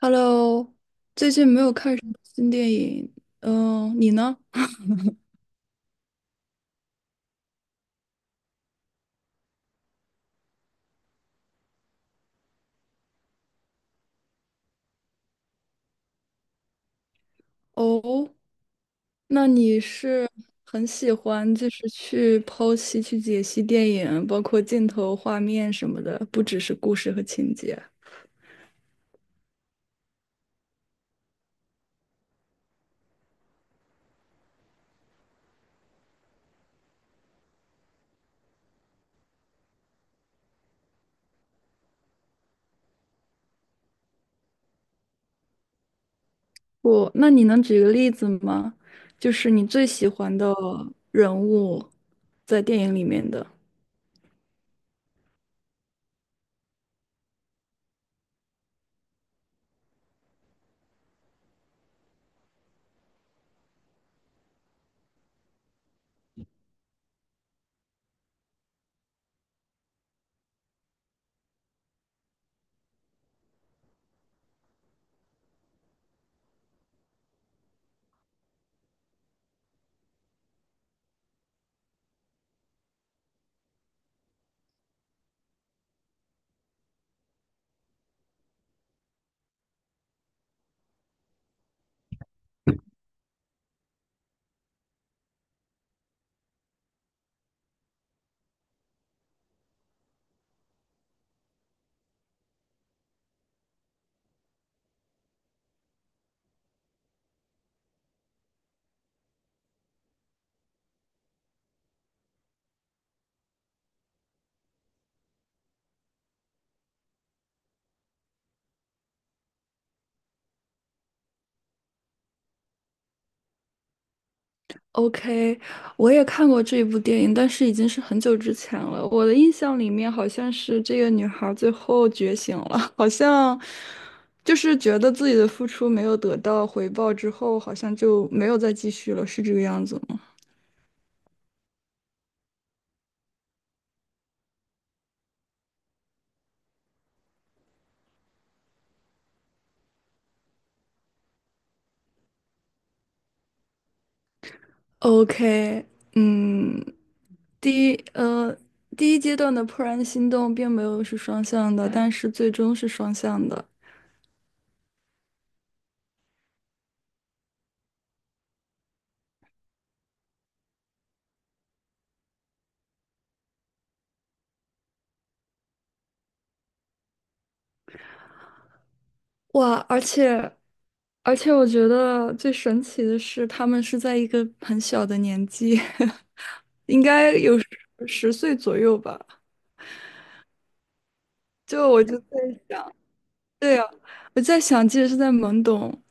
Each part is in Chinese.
Hello，最近没有看什么新电影，嗯，你呢？哦，那你是很喜欢就是去剖析、去解析电影，包括镜头、画面什么的，不只是故事和情节。那你能举个例子吗？就是你最喜欢的人物在电影里面的。OK，我也看过这一部电影，但是已经是很久之前了。我的印象里面好像是这个女孩儿最后觉醒了，好像就是觉得自己的付出没有得到回报之后，好像就没有再继续了，是这个样子吗？OK，嗯，第一呃第一阶段的怦然心动并没有是双向的，但是最终是双向的。哇，而且，我觉得最神奇的是，他们是在一个很小的年纪，应该有十岁左右吧。就我就在想，对呀，我在想，即使是在懵懂，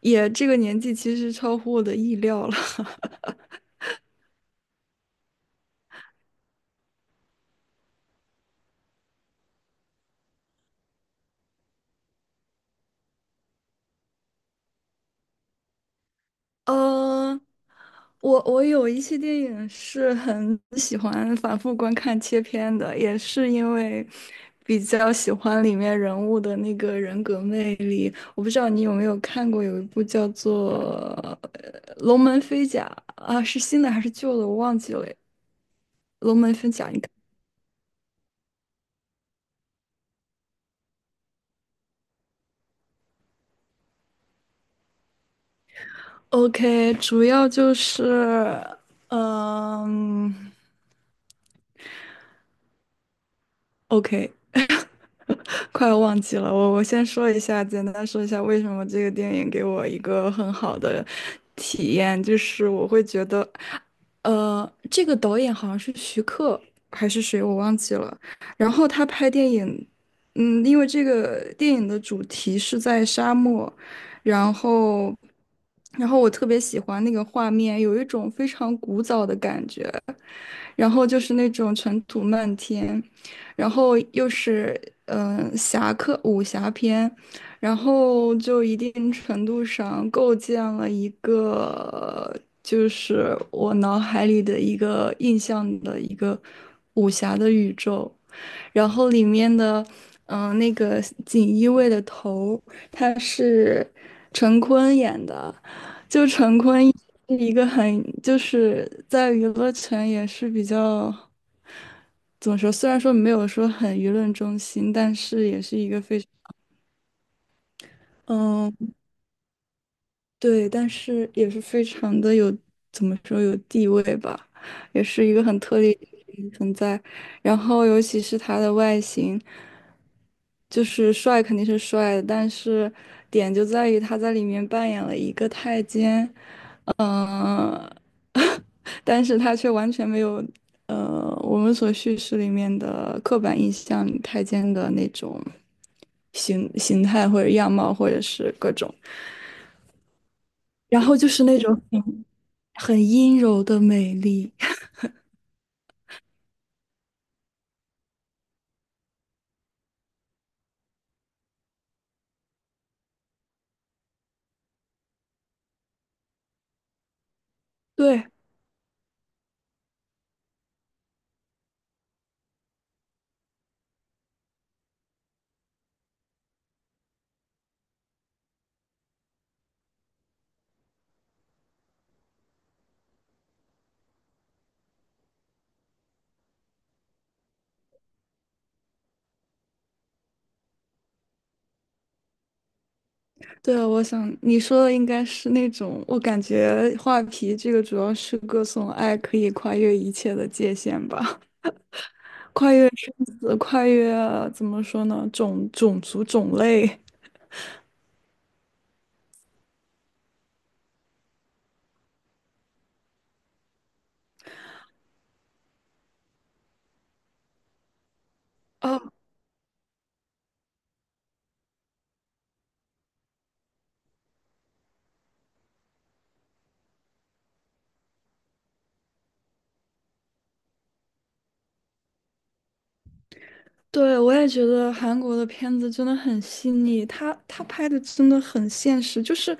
也这个年纪其实超乎我的意料了。呃，我有一些电影是很 喜欢反复观看切片的，也是因为比较喜欢里面人物的那个人格魅力。我不知道你有没有看过，有一部叫做龙门飞甲》啊，是新的还是旧的？我忘记了。《龙门飞甲》，你看。OK，主要就是，嗯，OK。快要忘记了，我先说一下，简单说一下为什么这个电影给我一个很好的体验，就是我会觉得，这个导演好像是徐克还是谁，我忘记了。然后他拍电影，因为这个电影的主题是在沙漠，然后，然后我特别喜欢那个画面，有一种非常古早的感觉。然后就是那种尘土漫天，然后又是侠客武侠片，然后就一定程度上构建了一个就是我脑海里的一个印象的一个武侠的宇宙，然后里面的那个锦衣卫的头他是陈坤演的。一个很就是在娱乐圈也是比较怎么说，虽然说没有说很舆论中心，但是也是一个非常，嗯，对，但是也是非常的有，怎么说有地位吧，也是一个很特立独行的存在。然后尤其是他的外形，就是帅肯定是帅的，但是点就在于他在里面扮演了一个太监，嗯、但是他却完全没有，我们所叙事里面的刻板印象里太监的那种形态或者样貌或者是各种。然后就是那种很阴柔的美丽。对，对啊，我想你说的应该是那种，我感觉画皮这个主要是歌颂爱可以跨越一切的界限吧，跨越怎么说呢，种族种类。哦，对，我也觉得韩国的片子真的很细腻，他拍的真的很现实，就是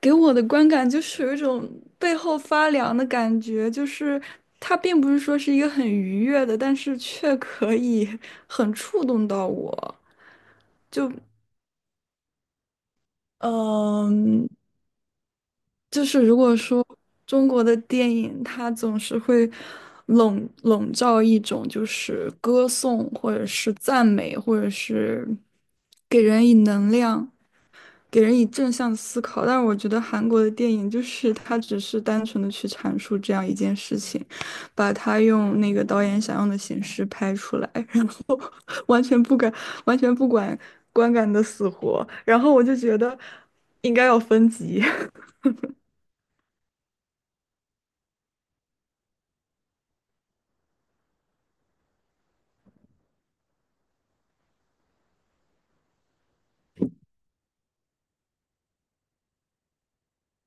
给我的观感就是有一种背后发凉的感觉，就是他并不是说是一个很愉悦的，但是却可以很触动到我。嗯，就是如果说中国的电影，它总是会笼罩一种就是歌颂，或者是赞美，或者是给人以能量。给人以正向思考，但是我觉得韩国的电影就是它只是单纯的去阐述这样一件事情，把它用那个导演想用的形式拍出来，然后 完全不敢，完全不管观感的死活，然后我就觉得应该要分级。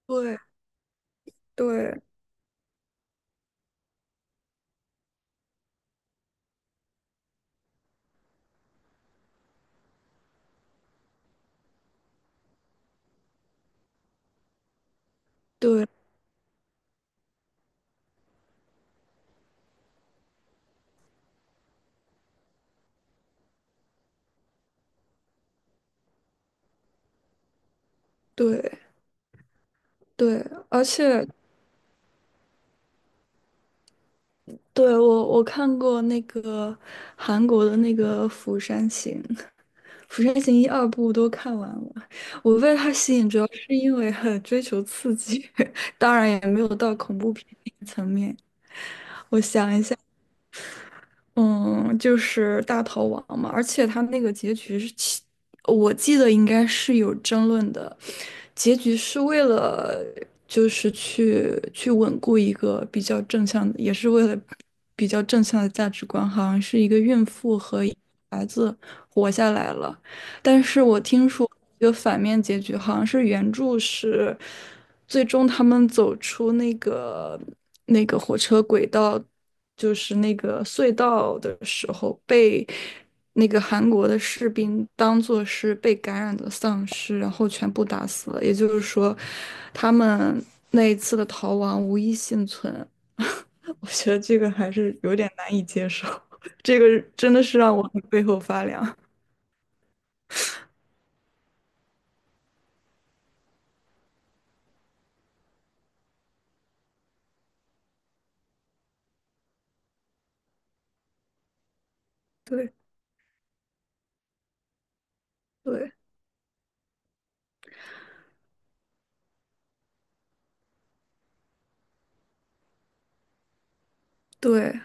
对对对对对，而且对我看过那个韩国的那个《釜山行》，《釜山行》一二部都看完了。我被它吸引，主要是因为很追求刺激，当然也没有到恐怖片那个层面。嗯，就是大逃亡嘛，而且他那个结局是我记得应该是有争论的，结局是为了就是去稳固一个比较正向的，也是为了比较正向的价值观，好像是一个孕妇和一个孩子活下来了，但是我听说有反面结局，好像是原著是。最终他们走出那个火车轨道，就是那个隧道的时候，被那个韩国的士兵当做是被感染的丧尸，然后全部打死了。也就是说，他们那一次的逃亡无一幸存。我觉得这个还是有点难以接受，这个真的是让我背后发凉。对对对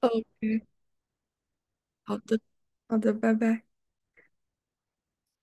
，OK，好的好的，拜拜。